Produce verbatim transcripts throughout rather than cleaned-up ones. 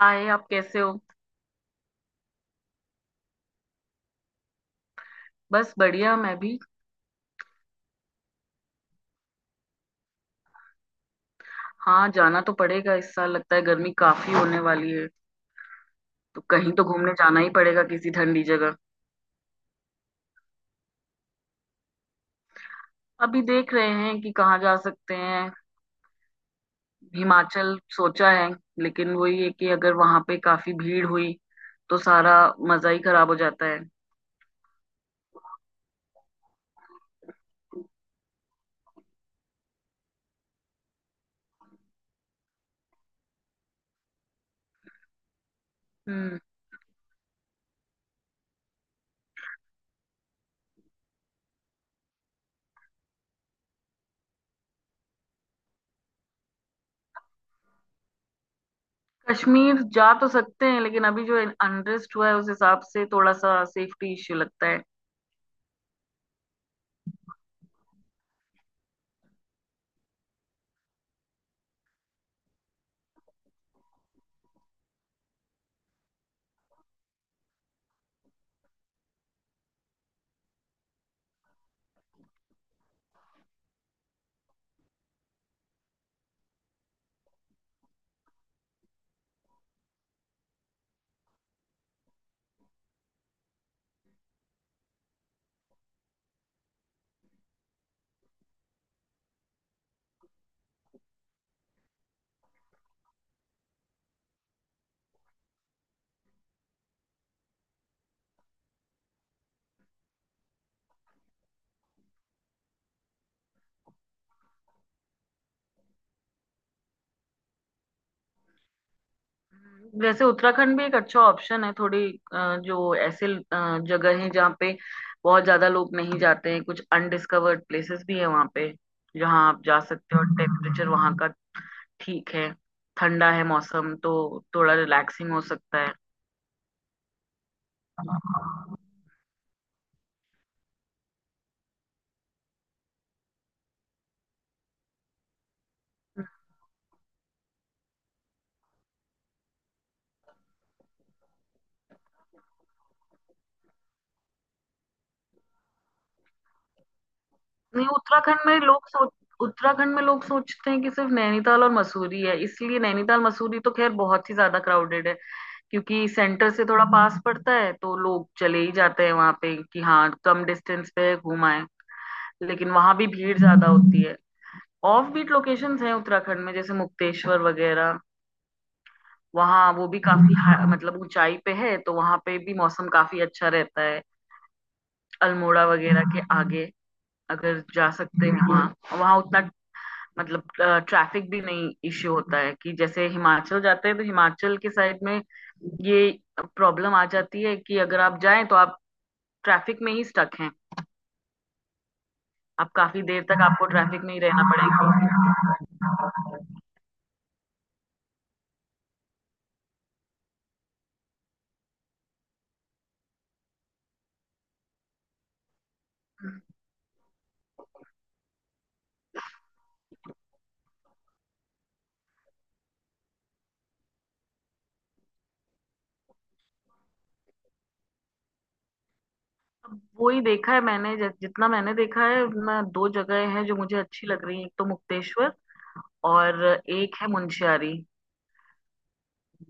हाय, आप कैसे हो। बस बढ़िया, मैं भी। हाँ, जाना तो पड़ेगा। इस साल लगता है गर्मी काफी होने वाली है, तो कहीं तो घूमने जाना ही पड़ेगा, किसी ठंडी जगह। अभी देख रहे हैं कि कहाँ जा सकते हैं। हिमाचल सोचा है, लेकिन वही है कि अगर वहां पे काफी भीड़ हुई तो सारा मजा ही खराब हो जाता है। हम्म। कश्मीर जा तो सकते हैं, लेकिन अभी जो अनरेस्ट हुआ है उस हिसाब से थोड़ा सा सेफ्टी इश्यू लगता है। वैसे उत्तराखंड भी एक अच्छा ऑप्शन है। थोड़ी अ, जो ऐसे अ, जगह है जहाँ पे बहुत ज्यादा लोग नहीं जाते हैं। कुछ अनडिस्कवर्ड प्लेसेस भी है वहाँ पे जहाँ आप जा सकते हो। टेम्परेचर वहाँ का ठीक है, ठंडा है मौसम, तो थोड़ा रिलैक्सिंग हो सकता है। नहीं उत्तराखंड में लोग सोच उत्तराखंड में लोग सोचते हैं कि सिर्फ नैनीताल और मसूरी है, इसलिए नैनीताल मसूरी तो खैर बहुत ही ज्यादा क्राउडेड है क्योंकि सेंटर से थोड़ा पास पड़ता है, तो लोग चले ही जाते हैं वहां पे कि हाँ, कम डिस्टेंस पे घुमाएं। लेकिन वहां भी भीड़ ज्यादा होती है। ऑफ बीट लोकेशंस हैं उत्तराखंड में, जैसे मुक्तेश्वर वगैरह। वहाँ वो भी काफी हा- मतलब ऊंचाई पे है, तो वहां पे भी मौसम काफी अच्छा रहता है। अल्मोड़ा वगैरह के आगे अगर जा सकते हैं वहाँ, वहाँ उतना मतलब ट्रैफिक भी नहीं इश्यू होता है। कि जैसे हिमाचल जाते हैं तो हिमाचल के साइड में ये प्रॉब्लम आ जाती है कि अगर आप जाएं तो आप ट्रैफिक में ही स्टक हैं। अब काफी देर तक आपको ट्रैफिक में ही रहना पड़ेगा। अब वो ही देखा है मैंने। जि- जितना मैंने देखा है, मैं दो जगह हैं जो मुझे अच्छी लग रही हैं। एक तो मुक्तेश्वर और एक है मुंशियारी।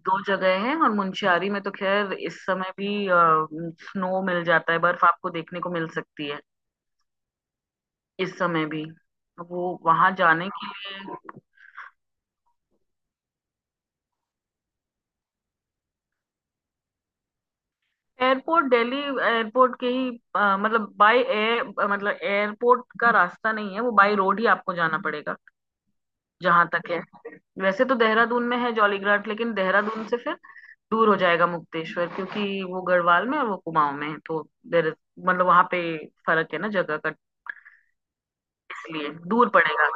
दो जगह हैं, और मुंशियारी में तो खैर इस समय भी स्नो मिल जाता है, बर्फ आपको देखने को मिल सकती है इस समय भी। वो वहां जाने के लिए एयरपोर्ट दिल्ली एयरपोर्ट के ही अ, मतलब बाय एयर मतलब एयरपोर्ट का रास्ता नहीं है, वो बाय रोड ही आपको जाना पड़ेगा जहां तक है। वैसे तो देहरादून में है जॉलीग्रांट, लेकिन देहरादून से फिर दूर हो जाएगा मुक्तेश्वर, क्योंकि वो गढ़वाल में और वो कुमाऊं में है, तो देर मतलब वहां पे फर्क है ना जगह का, इसलिए दूर पड़ेगा।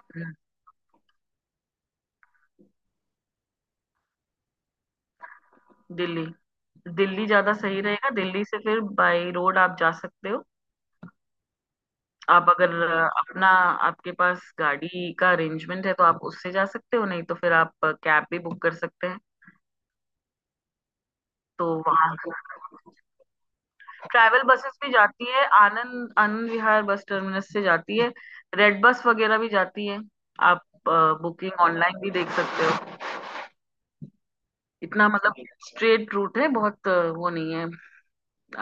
हम्म, दिल्ली, दिल्ली ज्यादा सही रहेगा। दिल्ली से फिर बाय रोड आप जा सकते हो। आप अगर अपना, आपके पास गाड़ी का अरेंजमेंट है तो आप उससे जा सकते हो, नहीं तो फिर आप कैब भी बुक कर सकते हैं। तो वहां ट्रैवल बसेस भी जाती है। आनंद आनंद विहार बस टर्मिनस से जाती है। रेड बस वगैरह भी जाती है। आप बुकिंग ऑनलाइन भी देख सकते हो। इतना मतलब स्ट्रेट रूट है, बहुत अ, वो नहीं है।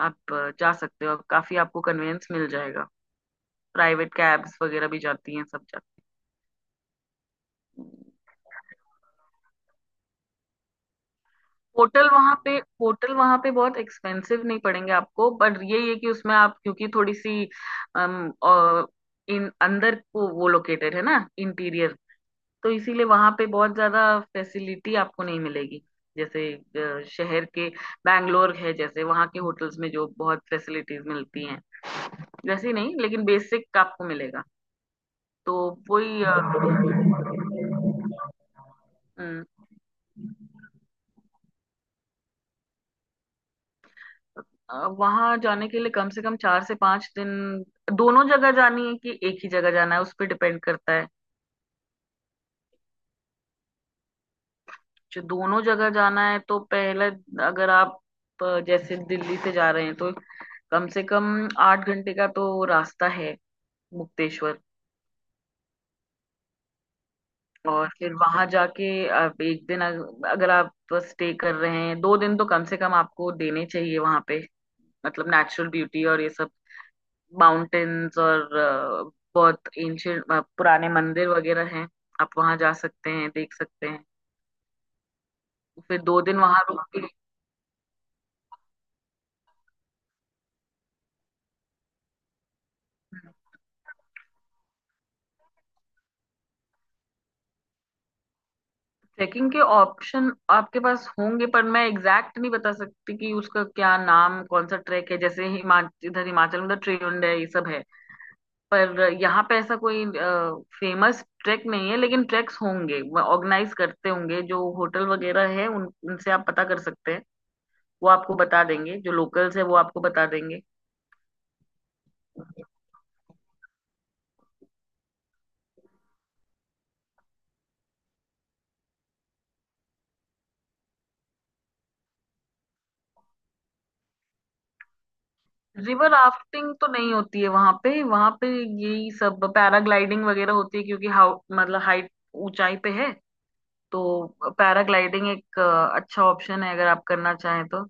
आप अ, जा सकते हो, काफी आपको कन्वीनियंस मिल जाएगा। प्राइवेट कैब्स वगैरह भी जाती हैं, सब जाती हैं। होटल वहां पे, होटल वहां पे बहुत एक्सपेंसिव नहीं पड़ेंगे आपको, बट ये ये कि उसमें आप क्योंकि थोड़ी सी अम, अ, इन अंदर को वो लोकेटेड है ना, इंटीरियर, तो इसीलिए वहां पे बहुत ज्यादा फैसिलिटी आपको नहीं मिलेगी। जैसे अ, शहर के बैंगलोर है जैसे, वहां के होटल्स में जो बहुत फैसिलिटीज मिलती हैं, वैसे ही नहीं, लेकिन बेसिक आपको मिलेगा। तो वही अ, हम्म, वहां जाने के लिए कम से कम चार से पांच दिन। दोनों जगह जानी है कि एक ही जगह जाना है, उस पर डिपेंड करता है। जो दोनों जगह जाना है तो पहले, अगर आप अ, जैसे दिल्ली से जा रहे हैं, तो कम से कम आठ घंटे का तो रास्ता है मुक्तेश्वर। और फिर वहां जाके आप एक दिन अग- अगर आप स्टे कर रहे हैं, दो दिन तो कम से कम आपको देने चाहिए वहां पे। मतलब नेचुरल ब्यूटी और ये सब माउंटेन्स और अ, बहुत एंशियंट, पुराने मंदिर वगैरह हैं। आप वहां जा सकते हैं, देख सकते हैं। फिर दो दिन वहां रुक के ट्रैकिंग के ऑप्शन आपके पास होंगे, पर मैं एग्जैक्ट नहीं बता सकती कि उसका क्या नाम, कौन सा ट्रैक है। जैसे हिमाचल, इधर हिमाचल में तो ट्रिउंड है, ये सब है। पर यहाँ पे ऐसा कोई फेमस ट्रैक नहीं है, लेकिन ट्रैक्स होंगे, ऑर्गेनाइज करते होंगे जो होटल वगैरह है उन उनसे आप पता कर सकते हैं। वो आपको बता देंगे, जो लोकल्स है वो आपको बता देंगे। रिवर राफ्टिंग तो नहीं होती है वहां पे, वहां पे यही सब पैराग्लाइडिंग वगैरह होती है, क्योंकि हाउ मतलब हाइट, ऊंचाई पे है। तो पैराग्लाइडिंग एक अ, अच्छा ऑप्शन है अगर आप करना चाहें तो।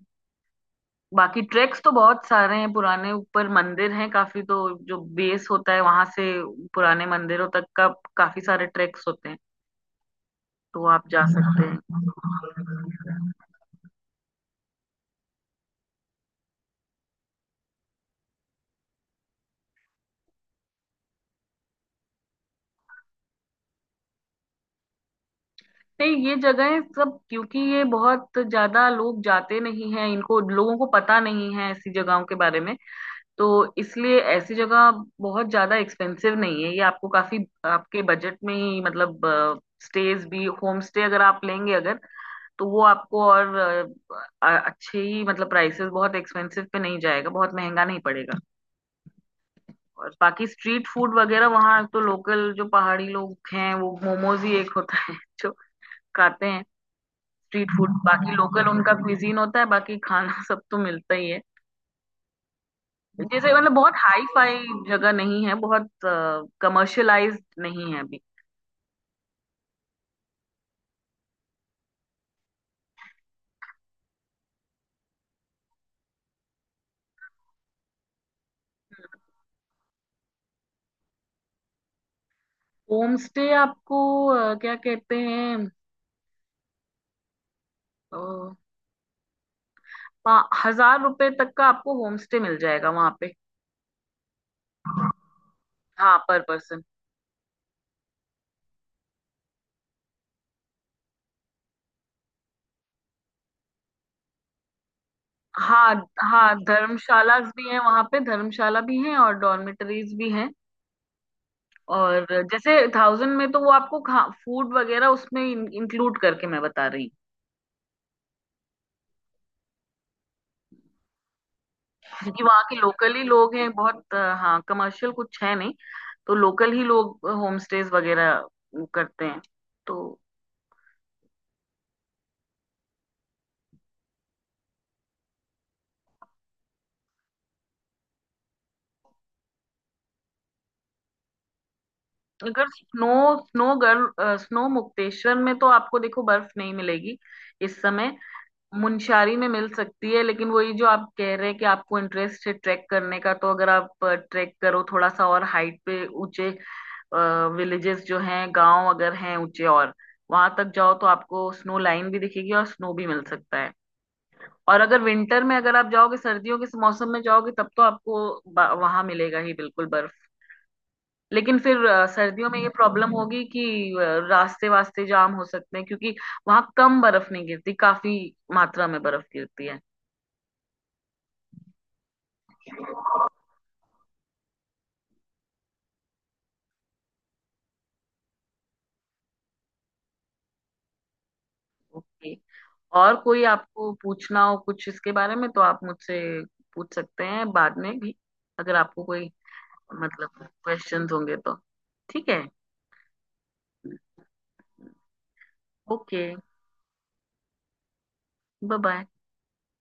बाकी ट्रैक्स तो बहुत सारे हैं, पुराने ऊपर मंदिर हैं काफी। तो जो बेस होता है वहां से पुराने मंदिरों तक का काफी सारे ट्रैक्स होते हैं, तो आप जा सकते हैं। नहीं, ये जगहें सब, क्योंकि ये बहुत ज्यादा लोग जाते नहीं हैं, इनको लोगों को पता नहीं है ऐसी जगहों के बारे में, तो इसलिए ऐसी जगह बहुत ज्यादा एक्सपेंसिव नहीं है। ये आपको काफी आपके बजट में ही मतलब, स्टेज भी होम स्टे अगर आप लेंगे अगर, तो वो आपको और अ, अ- अच्छे ही मतलब प्राइसेस, बहुत एक्सपेंसिव पे नहीं जाएगा, बहुत महंगा नहीं पड़ेगा। और बाकी स्ट्रीट फूड वगैरह वहाँ तो, लोकल जो पहाड़ी लोग हैं, वो मोमोज ही एक होता है जो खाते हैं स्ट्रीट फूड। बाकी लोकल उनका क्विजीन होता है, बाकी खाना सब तो मिलता ही है। जैसे मतलब बहुत हाई फाई जगह नहीं है, बहुत कमर्शियलाइज्ड नहीं है अभी। होम स्टे आपको अ, क्या कहते हैं अ, पा- हजार रुपए तक का आपको होम स्टे मिल जाएगा वहां पे। हाँ, पर पर्सन। हाँ, हाँ धर्मशाला भी हैं वहां पे, धर्मशाला भी हैं और डॉर्मेटरीज भी हैं। और जैसे थाउजेंड में तो वो आपको खा फूड वगैरह उसमें इंक्लूड करके मैं बता रही। क्योंकि वहाँ के लोकल ही लोग हैं बहुत अ, हाँ, कमर्शियल कुछ है नहीं, तो लोकल ही लोग होम स्टेज वगैरह वो करते हैं। तो अगर स्नो स्नो गर्ल स्नो मुक्तेश्वर में तो आपको देखो बर्फ नहीं मिलेगी इस समय। मुनस्यारी में मिल सकती है, लेकिन वही जो आप कह रहे हैं कि आपको इंटरेस्ट है ट्रैक करने का, तो अगर आप ट्रैक करो थोड़ा सा और हाइट पे, ऊंचे विलेजेस जो हैं, गांव अगर हैं ऊंचे, और वहां तक जाओ तो आपको स्नो लाइन भी दिखेगी और स्नो भी मिल सकता है। और अगर विंटर में अगर आप जाओगे, सर्दियों के मौसम में जाओगे, तब तो आपको वहां मिलेगा ही बिल्कुल बर्फ। लेकिन फिर अ, सर्दियों में ये प्रॉब्लम होगी कि अ, रास्ते वास्ते जाम हो सकते हैं, क्योंकि वहां कम बर्फ नहीं गिरती, काफी मात्रा में बर्फ गिरती है। ओके। और कोई आपको पूछना हो कुछ इसके बारे में तो आप मुझसे पूछ सकते हैं बाद में भी। अगर आपको कोई मतलब क्वेश्चंस होंगे तो, ठीक है। Okay, bye bye.